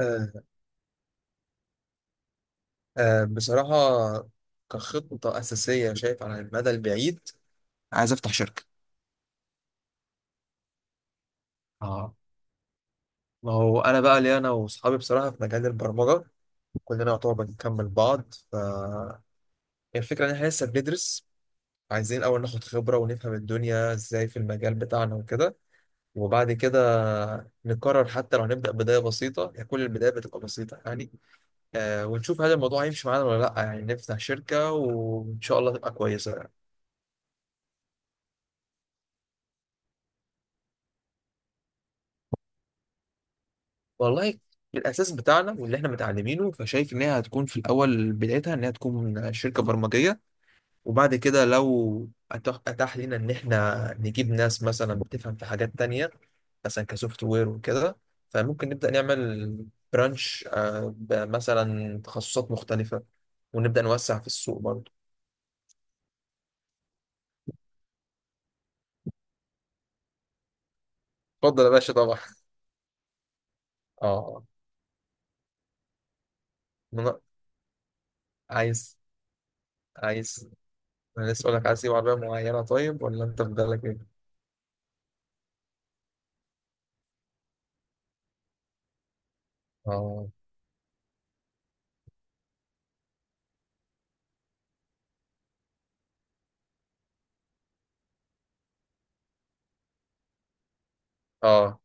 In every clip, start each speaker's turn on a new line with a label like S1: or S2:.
S1: آه، بصراحة، كخطة أساسية شايف على المدى البعيد عايز أفتح شركة. اه. ما هو أنا بقى ليه؟ أنا وأصحابي بصراحة في مجال البرمجة كلنا يعتبر بنكمل بعض، فالفكرة إن إحنا لسه بندرس، عايزين الأول ناخد خبرة ونفهم الدنيا إزاي في المجال بتاعنا وكده، وبعد كده نقرر. حتى لو هنبدأ بداية بسيطة يعني، كل البداية بتبقى بسيطة يعني. ونشوف هل الموضوع هيمشي معانا ولا لأ، يعني نفتح شركة وإن شاء الله تبقى كويسة. والله، الاساس بتاعنا واللي احنا متعلمينه، فشايف ان هي هتكون في الاول بدايتها ان هي تكون شركه برمجيه. وبعد كده لو أتاح لنا ان احنا نجيب ناس مثلا بتفهم في حاجات تانية، مثلا كسوفت وير وكده، فممكن نبدا نعمل برانش، مثلا تخصصات مختلفه، ونبدا نوسع في السوق برضه. اتفضل يا باشا طبعا. اه. من- عايز عايز، انا لسه اقول لك، عايز تجيب عربيه معينه؟ طيب، ولا انت في بالك ايه؟ اه، اه،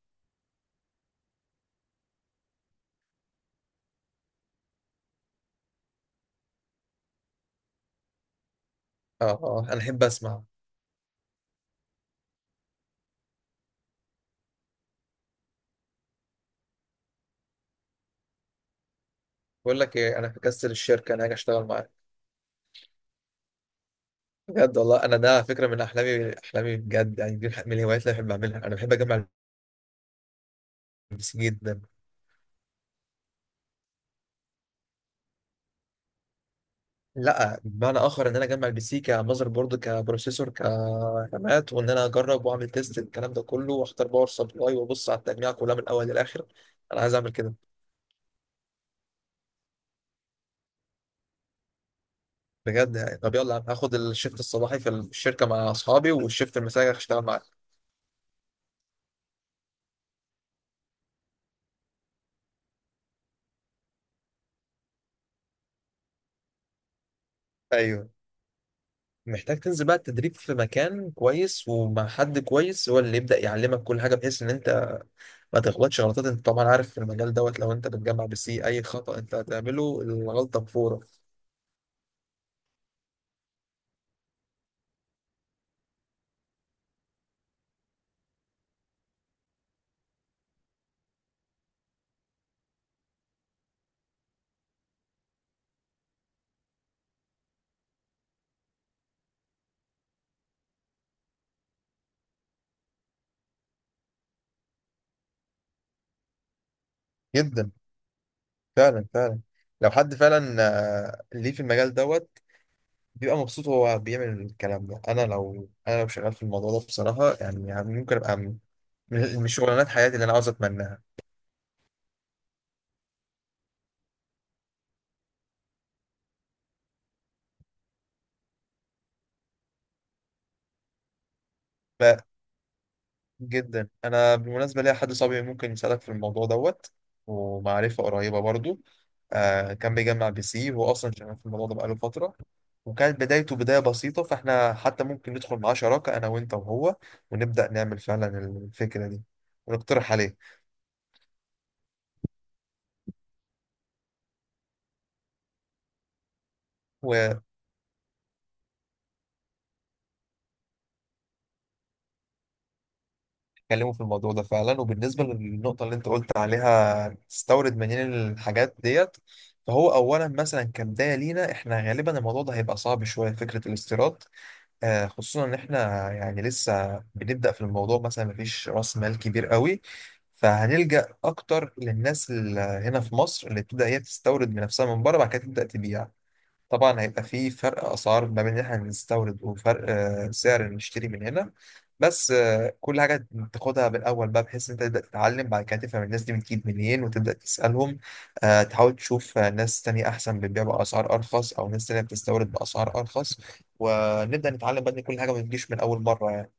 S1: اه، اه، انا احب اسمع. بقول لك ايه، انا في كاستل الشركه انا هاجي اشتغل معاك. بجد والله، انا ده على فكره من احلامي، احلامي بجد يعني، دي من الهوايات اللي بحب اعملها. انا بحب اجمع الـPC جدا. لا، بمعنى اخر ان انا اجمع البي سي كمذر بورد، كبروسيسور، كرامات، وان انا اجرب واعمل تيست الكلام ده كله، واختار باور سبلاي، وابص على التجميع كلها من الاول للاخر. انا عايز اعمل كده. بجد يعني؟ طب يلا هاخد الشيفت الصباحي في الشركه مع اصحابي، والشيفت المسائي هشتغل معاك. ايوه. محتاج تنزل بقى التدريب في مكان كويس، ومع حد كويس هو اللي يبدأ يعلمك كل حاجة، بحيث ان انت ما تغلطش غلطات. انت طبعا عارف في المجال دوت، لو انت بتجمع بسي اي خطأ انت هتعمله، الغلطة بفورة. جدا، فعلا فعلا. لو حد فعلا ليه في المجال دوت بيبقى مبسوط وهو بيعمل الكلام ده، انا لو شغال في الموضوع ده بصراحة يعني ممكن ابقى من شغلانات حياتي اللي انا عاوز اتمناها. جدا، انا بالمناسبه ليا حد صاحبي ممكن يساعدك في الموضوع دوت، ومعرفه قريبه برضو. كان بيجمع بي سي، هو اصلا شغال في الموضوع ده بقاله فتره، وكانت بدايته بدايه بسيطه، فاحنا حتى ممكن ندخل معاه شراكه انا وانت وهو، ونبدا نعمل فعلا الفكره دي ونقترح عليه ونكلمه في الموضوع ده فعلا. وبالنسبه للنقطه اللي انت قلت عليها تستورد منين الحاجات ديت، فهو اولا مثلا كبدايه لينا احنا غالبا الموضوع ده هيبقى صعب شويه، فكره الاستيراد. خصوصا ان احنا يعني لسه بنبدأ في الموضوع، مثلا مفيش راس مال كبير قوي، فهنلجأ اكتر للناس اللي هنا في مصر اللي تبدأ هي تستورد من نفسها من بره بعد كده تبدأ تبيع. طبعا هيبقى في فرق اسعار ما بين اللي احنا بنستورد وفرق سعر نشتري من هنا. بس كل حاجه تاخدها بالاول بقى بحيث ان انت تبدا تتعلم، بعد كده تفهم الناس دي بتجيب منين وتبدا تسالهم. تحاول تشوف ناس تانية احسن بتبيع باسعار ارخص، او ناس تانية بتستورد باسعار ارخص. ونبدا نتعلم بقى ان كل حاجه ما بتجيش من اول مره يعني.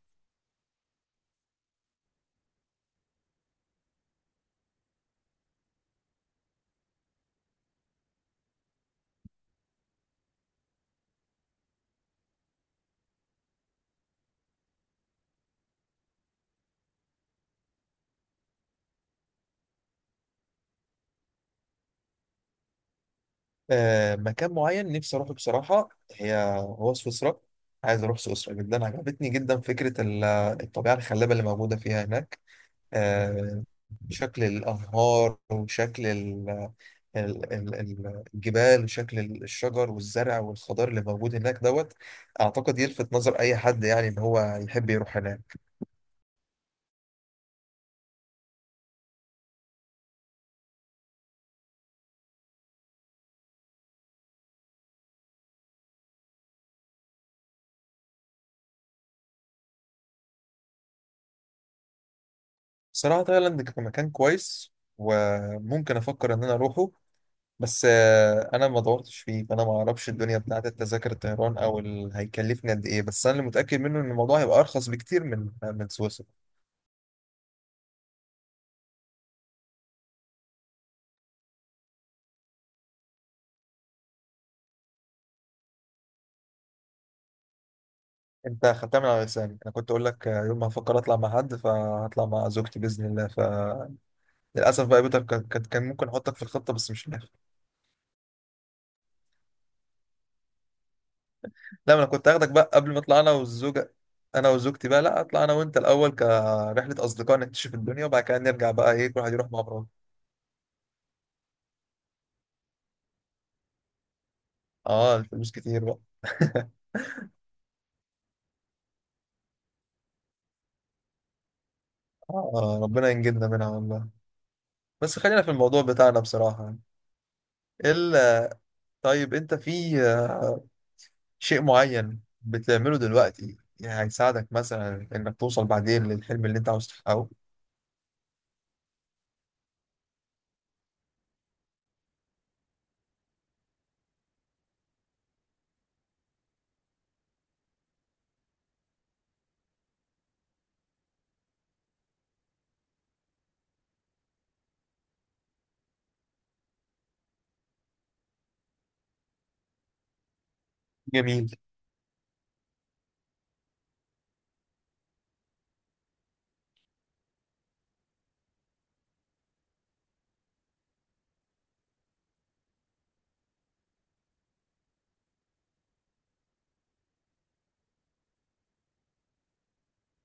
S1: مكان معين نفسي اروحه بصراحه، هو سويسرا. عايز اروح سويسرا جدا، عجبتني جدا فكره الطبيعه الخلابه اللي موجوده فيها هناك. آه، شكل الأنهار، وشكل الجبال، وشكل الشجر والزرع والخضار اللي موجود هناك دوت. أعتقد يلفت نظر أي حد يعني إن هو يحب يروح هناك. صراحة تايلاند كمكان كويس، وممكن أفكر إن أنا أروحه، بس أنا ما دورتش فيه، فأنا ما أعرفش الدنيا بتاعت التذاكر الطيران أو هيكلفني قد إيه. بس أنا اللي متأكد منه إن الموضوع هيبقى أرخص بكتير من سويسرا. انت خدتها من على لساني، انا كنت اقول لك يوم ما هفكر اطلع مع حد فهطلع مع زوجتي باذن الله. فللاسف بقى بيتك، كان ممكن احطك في الخطه بس مش نافع. لا، ما انا كنت هاخدك بقى قبل ما اطلع انا والزوجه، انا وزوجتي بقى. لا، اطلع انا وانت الاول كرحله اصدقاء نكتشف الدنيا، وبعد كده نرجع بقى، ايه، كل واحد يروح مع بعضه. اه، الفلوس كتير بقى آه، ربنا ينجدنا منها والله. بس خلينا في الموضوع بتاعنا بصراحه يعني. ال- طيب، انت في شيء معين بتعمله دلوقتي يعني هيساعدك مثلا انك توصل بعدين للحلم اللي انت عاوز تحققه؟ جميل.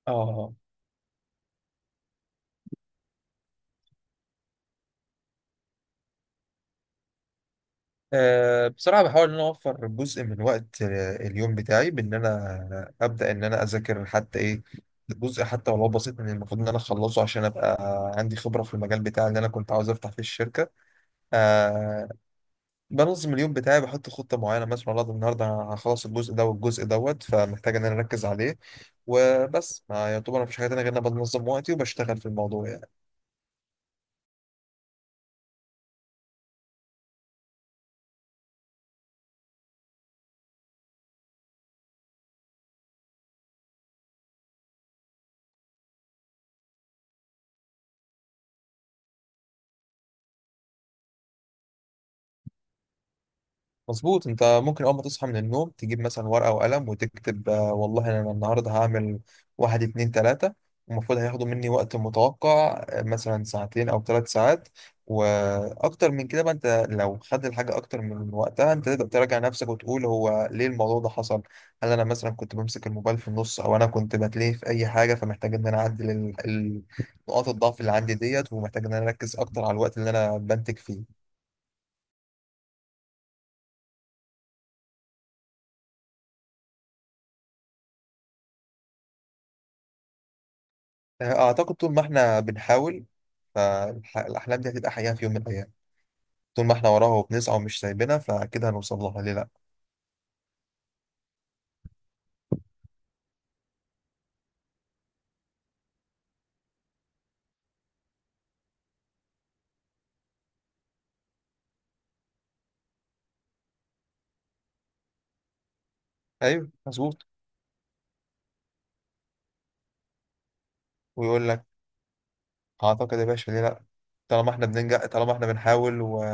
S1: اه. بصراحة بحاول ان انا اوفر جزء من وقت اليوم بتاعي، بان انا ابدا ان انا اذاكر حتى ايه، جزء حتى ولو بسيط من المفروض ان انا اخلصه عشان ابقى عندي خبرة في المجال بتاعي اللي انا كنت عاوز افتح فيه الشركة. آه، بنظم اليوم بتاعي، بحط خطة معينة مثلا، والله ده النهاردة هخلص الجزء ده والجزء دوت فمحتاج إن أنا أركز عليه وبس. ما يعتبر مفيش حاجة تانية غير إن أنا بنظم وقتي وبشتغل في الموضوع يعني. مظبوط. انت ممكن اول ما تصحى من النوم تجيب مثلا ورقة وقلم وتكتب والله انا النهاردة هعمل واحد، اتنين، تلاتة، المفروض هياخدوا مني وقت متوقع مثلا ساعتين او 3 ساعات. واكتر من كده بقى، انت لو خد الحاجة اكتر من وقتها انت تقدر تراجع نفسك وتقول هو ليه الموضوع ده حصل؟ هل انا مثلا كنت بمسك الموبايل في النص، او انا كنت بتلهي في اي حاجة؟ فمحتاج ان انا اعدل نقاط الضعف اللي عندي ديت، ومحتاج ان انا اركز اكتر على الوقت اللي انا بنتج فيه. أعتقد طول ما إحنا بنحاول فالأحلام دي هتبقى حقيقة في يوم من الأيام. طول ما إحنا وراها وبنسعى ومش سايبينها فأكيد هنوصل لها، ليه لأ؟ أيوه مظبوط. ويقول لك، أعتقد يا باشا ليه لأ. طالما إحنا بننجح، طالما إحنا بنحاول و...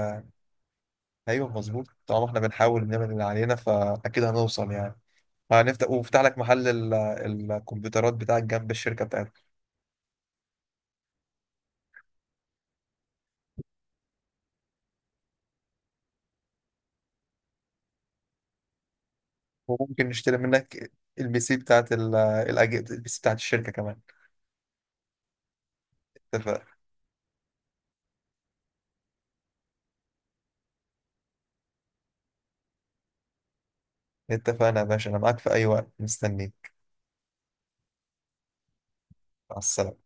S1: أيوه مظبوط. طالما إحنا بنحاول نعمل اللي علينا فأكيد هنوصل يعني. هنفتح وفتح لك محل الكمبيوترات بتاعك جنب الشركة بتاعتك. وممكن نشتري منك البي سي بتاعت البي سي بتاعت الشركة كمان. اتفق. اتفقنا يا باشا، أنا معاك في أي وقت مستنيك. مع السلامة.